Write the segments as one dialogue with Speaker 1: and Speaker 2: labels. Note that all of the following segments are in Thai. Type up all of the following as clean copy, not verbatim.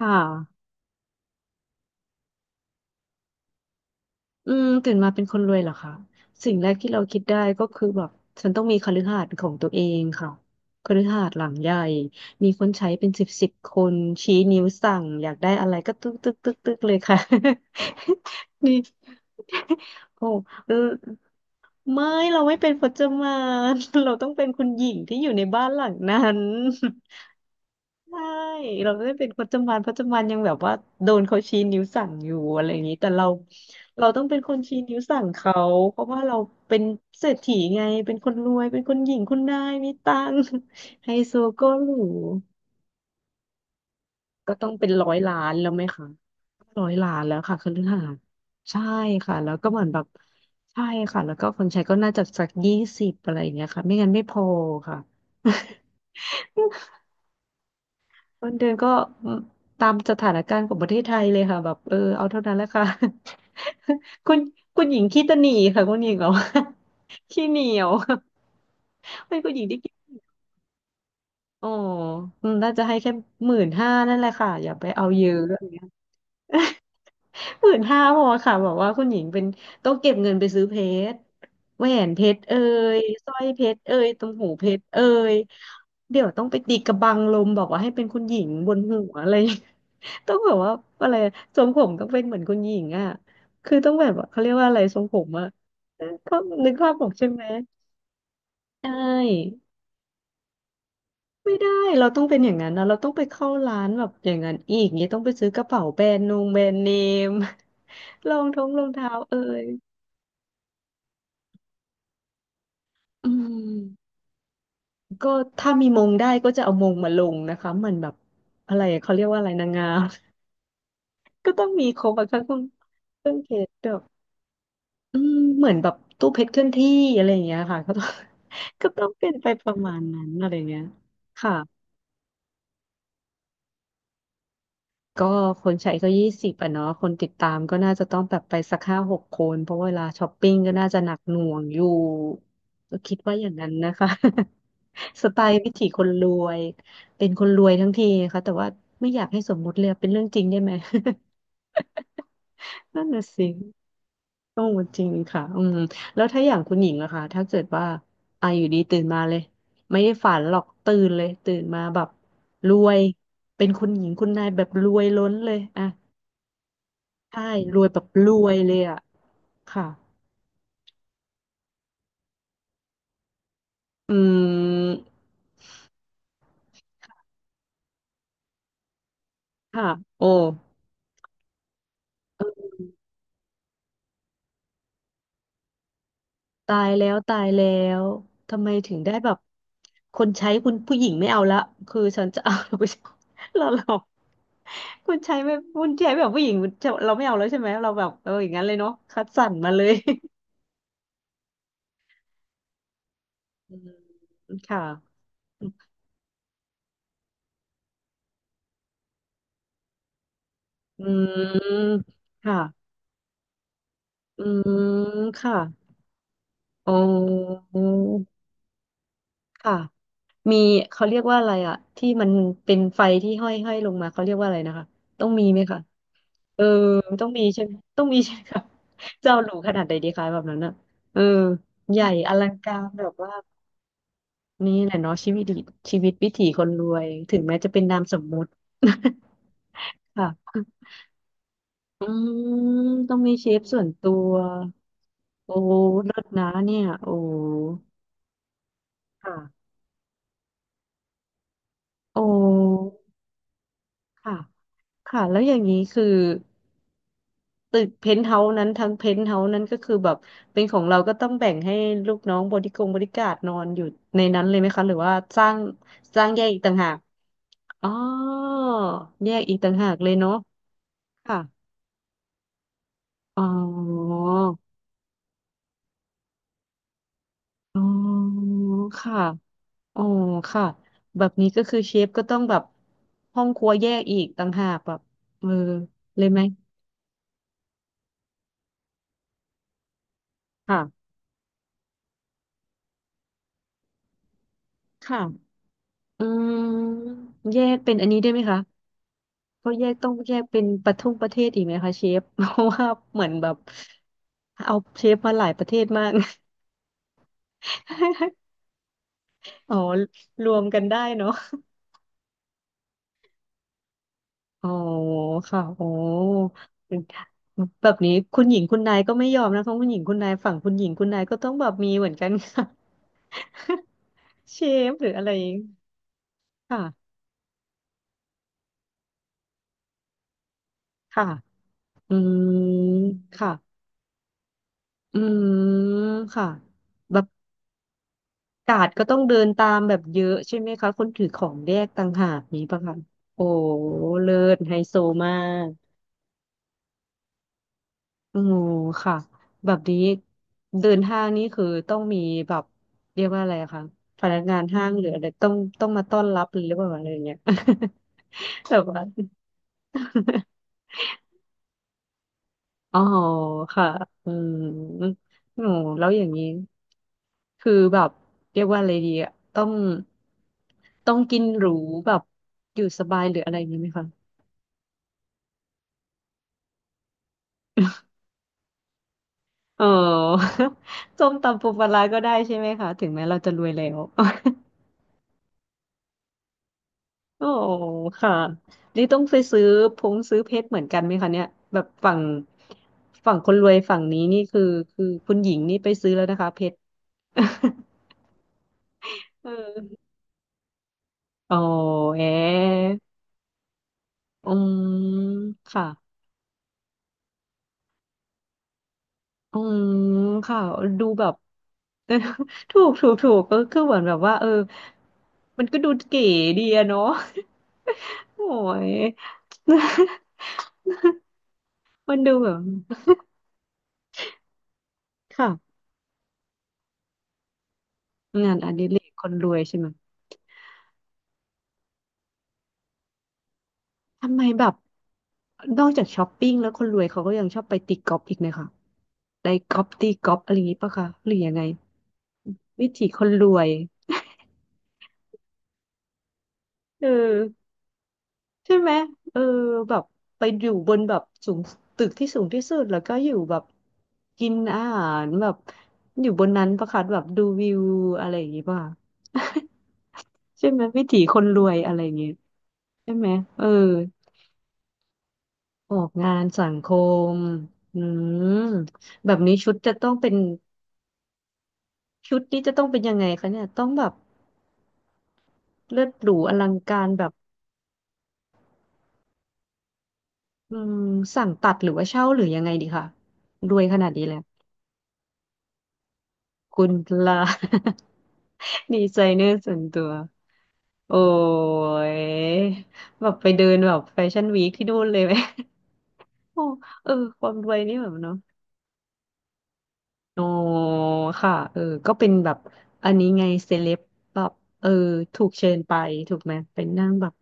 Speaker 1: ค่ะ ตื่นมาเป็นคนรวยเหรอคะสิ่งแรกที่เราคิดได้ก็คือแบบฉันต้องมีคฤหาสน์ของตัวเองค่ะคฤหาสน์หลังใหญ่มีคนใช้เป็นสิบสิบคน ชี้นิ้วสั่งอยากได้อะไรก็ตึ๊กตึ๊กตึ๊กตึ๊กเลยค่ะ นี่ โอ้ ไม่เราไม่เป็นพจมาน เราต้องเป็นคุณหญิงที่อยู่ในบ้านหลังนั้น ใช่เราไม่ได้เป็นพจมานพจมานยังแบบว่าโดนเขาชี้นิ้วสั่งอยู่อะไรอย่างนี้แต่เราเราต้องเป็นคนชี้นิ้วสั่งเขาเพราะว่าเราเป็นเศรษฐีไงเป็นคนรวยเป็นคนหญิงคุณนายมีตังค์ ไฮโซโก็หรูก็ต้องเป็นร้อยล้านแล้วไหมคะ ร้อยล้านแล้วค่ะคฤหาสน์ใช่ค่ะแล้วก็เหมือนแบบใช่ค่ะแล้วก็คนใช้ก็น่าจะสักยี่สิบอะไรอย่างเงี้ยค่ะไม่งั้นไม่พอค่ะ เงินเดือนก็มตามสถานการณ์ของประเทศไทยเลยค่ะแบบเออเอาเท่านั้นแหละค่ะ คุณคุณหญิงขี้ตะหนีค่ะคุณหญิงเหรอ ขี้เหนียว ไม่คุณหญิงที่ขี้อ๋ออืมน่าจะให้แค่หมื่นห้านั่นแหละค่ะอย่าไปเอาเยอะอะไรเงี้ย หมื่นห้าพอค่ะบอกว่าคุณหญิงเป็นต้องเก็บเงินไปซื้อเพชรแหวนเพชรเอ่ยสร้อยเพชรเอ่ยตรงหูเพชรเอ่ยเดี๋ยวต้องไปตีกระบังลมบอกว่าให้เป็นคุณหญิงบนหัวอะไร ต้องแบบว่าอะไรทรงผมต้องเป็นเหมือนคุณหญิงอ่ะคือต้องแบบว่าเขาเรียกว่าอะไรทรงผมอ่ะเขานึกภาพออกใช่ไหมใช่ไม่ได้เราต้องเป็นอย่างนั้นนะเราต้องไปเข้าร้านแบบอย่างนั้นอีกเนี่ยต้องไปซื้อกระเป๋าแบรนด์เนม รองท้องรองเท้าเอ่ย อืมก็ถ้ามีมงได้ก็จะเอามงมาลงนะคะมันแบบอะไรเขาเรียกว่าอะไรนางงาม ก็ต้องมีครบอะค่ะเครื่องเพชรแบบอืมเหมือนแบบตู้เพชรเคลื่อนที่อะไรอย่างเงี้ยค่ะก็ต้อง ก็ต้องเป็นไปประมาณนั้นอะไรอย่างเงี้ยค่ะ ก็คนใช้ก็20อ่ะเนาะคนติดตามก็น่าจะต้องแบบไปสัก5-6คนเพราะเวลาช้อปปิ้งก็น่าจะหนักหน่วงอยู่ก็คิดว่าอย่างนั้นนะคะ สไตล์วิถีคนรวยเป็นคนรวยทั้งทีนะคะแต่ว่าไม่อยากให้สมมุติเลยเป็นเรื่องจริงได้ไหม นั่นน่ะสิต้องจริงค่ะอืมแล้วถ้าอย่างคุณหญิงอะค่ะถ้าเกิดว่าอ่ะอยู่ดีตื่นมาเลยไม่ได้ฝันหรอกตื่นเลยตื่นมาแบบรวยเป็นคุณหญิงคุณนายแบบรวยล้นเลยอะ ใช่รวยแบบรวยเลยอ่ะค่ะอืมค่ะโอ้ตายแล้วตายแล้วทำไมถึงได้แบบคนใช้คุณผู้หญิงไม่เอาละคือฉันจะเอาผู้ชายเราคนใช้ ไม่คุณใช้แบบผู้หญิงเราไม่เอาแล้วใช่ไหมเราแบบเอออย่างนั้นเลยเนาะคัดสรรมาเลย อืมค่ะอืมค่ะอืมค่ะอ๋อ ค่ะมีเขาเรียกว่าอะไรอะที่มันเป็นไฟที่ห้อยห้อยลงมาเขาเรียกว่าอะไรนะคะต้องมีไหมคะเออต้องมีใช่ไหมต้องมีใช่ไหมคะจะเอาหรูขนาดไหนดีคะแบบนั้นอะเออใหญ่อลังการแบบว่านี่แหละเนาะชีวิตดีชีวิตวิถีคนรวยถึงแม้จะเป็นนามสมมุติ ค่ะอืมต้องมีเชฟส่วนตัวโอ้เลิศนะเนี่ยโอ้ค่ะโอ้ค่ะค่ะแล้วอย่างนี้คือ ตึกเพนท์เฮาส์นั้นทั้งเพนท์เฮาส์นั้นก็คือแบบเป็นของเราก็ต้องแบ่งให้ลูกน้องบริการนอนอยู่ในนั้นเลยไหมคะหรือว่าสร้างแยกอีกต่างหากอ๋อแยกอีกต่างหากเลยเนาะค่ะอ๋ออ๋อค่ะอ๋อค่ะแบบนี้ก็คือเชฟก็ต้องแบบห้องครัวแยกอีกต่างหากแบบเออเลยไหมค่ะค่ะอืมแยกเป็นอันนี้ได้ไหมคะ ก็แยกต้องแยกเป็นประเทศอีกไหมคะเชฟ เพราะว่าเหมือนแบบเอาเชฟมาหลายประเทศมาก อ๋อรวมกันได้เนาะอ๋อค่ะโอ้แบบนี้คุณหญิงคุณนายก็ไม่ยอมนะคะคุณหญิงคุณนายฝั่งคุณหญิงคุณนายก็ต้องแบบมีเหมือนกันค่ะ เชฟหรืออะไรค่ะค่ะอืมค่ะอืมค่ะแบบ กาดก็ต้องเดินตามแบบเยอะใช่ไหมคะคนถือของแยกต่างหากนี้ปะคะโอ้เลิศไฮโซมากโอ้ค่ะแบบนี้เดินห้างนี่คือต้องมีแบบเรียกว่าอะไรอะคะพนักงานห้างหรืออะไรต้องมาต้อนรับหรือเปล่าอะไรอย่างเงี้ย แบบว่า อ๋อค่ะอืมโอ้แล้วอย่างนี้คือแบบเรียกว่าอะไรดีอะต้องกินหรูแบบอยู่สบายหรืออะไรอย่างนี้ไหมคะอ๋อ ส้มตำปูปลาร้าก็ได้ใช่ไหมคะถึงแม้เราจะรวยแล้ว โอ้ค่ะนี่ต้องไปซื้อพงซื้อเพชรเหมือนกันไหมคะเนี่ยแบบฝั่งคนรวยฝั่งนี้นี่คือคือคุณหญิงนี่ไปซื้อแล้วนะคะเพชร เอออ๋อแหม อืมค่ะอืมค่ะดูแบบ ถูกถูกถูกก็คือเหมือนแบบว่าเออมันก็ดูเก๋ดีอะเนาะ โอ้ย มันดูแบบค่ะงานอดิเรกคนรวยใช่ไหมทำไมแบบนอกจากช้อปปิ้งแล้วคนรวยเขาก็ยังชอบไปตีกอล์ฟอีกเลยค่ะไปกอล์ฟตีกอล์ฟอะไรอย่างงี้ปะคะหรือยังไงวิถีคนรวยเออ ใช่ไหมเออแบบไปอยู่บนแบบสูงตึกที่สูงที่สุดแล้วก็อยู่แบบกินอาหารแบบอยู่บนนั้นประคัดแบบดูวิวอะไรอย่างงี้ป่ะใช่ไหมวิถีคนรวยอะไรอย่างงี้ใช่ไหมเออออกงานสังคมอืมแบบนี้ชุดจะต้องเป็นชุดนี้จะต้องเป็นยังไงคะเนี่ยต้องแบบเลิศหรูอลังการแบบอืมสั่งตัดหรือว่าเช่าหรือยังไงดีคะรวยขนาดนี้แล้ว คุณพลา ดีไซเนอร์ส่วนตัวโอ้ยแบบไปเดินแบบแฟชั่นวีคที่นู่นเลยไหม โอ้เออความรวยนี่แบบเนาะโอ้ค่ะเออก็เป็นแบบอันนี้ไงเซเลบแบบเออถูกเชิญไปถูกไหมเป็นนั่งแบบ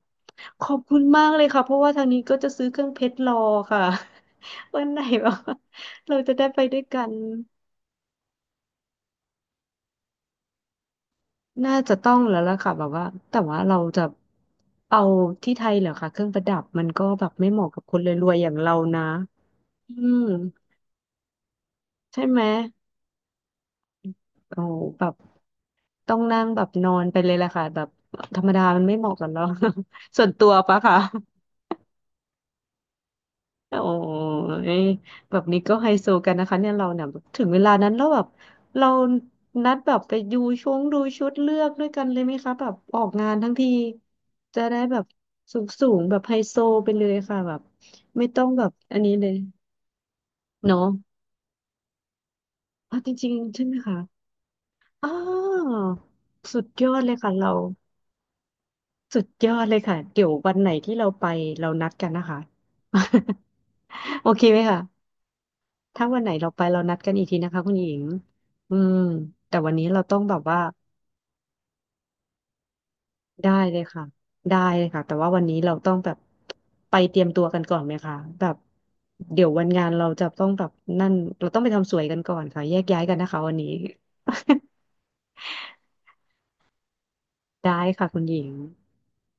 Speaker 1: ขอบคุณมากเลยค่ะเพราะว่าทางนี้ก็จะซื้อเครื่องเพชรรอค่ะ วันไหนแบบว่าเราจะได้ไปด้วยกัน น่าจะต้องแล้วล่ะค่ะแบบว่าแต่ว่าเราจะเอาที่ไทยเหรอคะเครื่องประดับมันก็แบบไม่เหมาะกับคนรวยๆอย่างเรานะอืมใช่ไหมโอ้แบบต้องนั่งแบบนอนไปเลยล่ะค่ะแบบธรรมดามันไม่เหมาะกับเรา ส่วนตัวปะคะ โอ้ยแบบนี้ก็ไฮโซกันนะคะเนี่ยเราเนี่ยถึงเวลานั้นแล้วแบบเรานัดแบบไปดูช่วงดูชุดเลือกด้วยกันเลยไหมคะแบบออกงานทั้งทีจะได้แบบสูงสูงแบบไฮโซไปเลยค่ะแบบไม่ต้องแบบอันนี้เลยเนาะอ่ะจริงๆใช่ไหมคะอ้าวสุดยอดเลยค่ะเราสุดยอดเลยค่ะเดี๋ยววันไหนที่เราไปเรานัดกันนะคะ โอเคไหมคะ ถ้าวันไหนเราไปเรานัดกันอีกทีนะคะคุณหญิงอืมแต่วันนี้เราต้องแบบว่าได้เลยค่ะ ได้เลยค่ะ แต่ว่าวันนี้เราต้องแบบไปเตรียมตัวกันก่อนไหมคะแบบเดี๋ยววันงานเราจะต้องแบบนั่นเราต้องไปทำสวยกันก่อนค่ะแยกย้ายกันนะคะวันนี้ ได้ค่ะคุณหญิง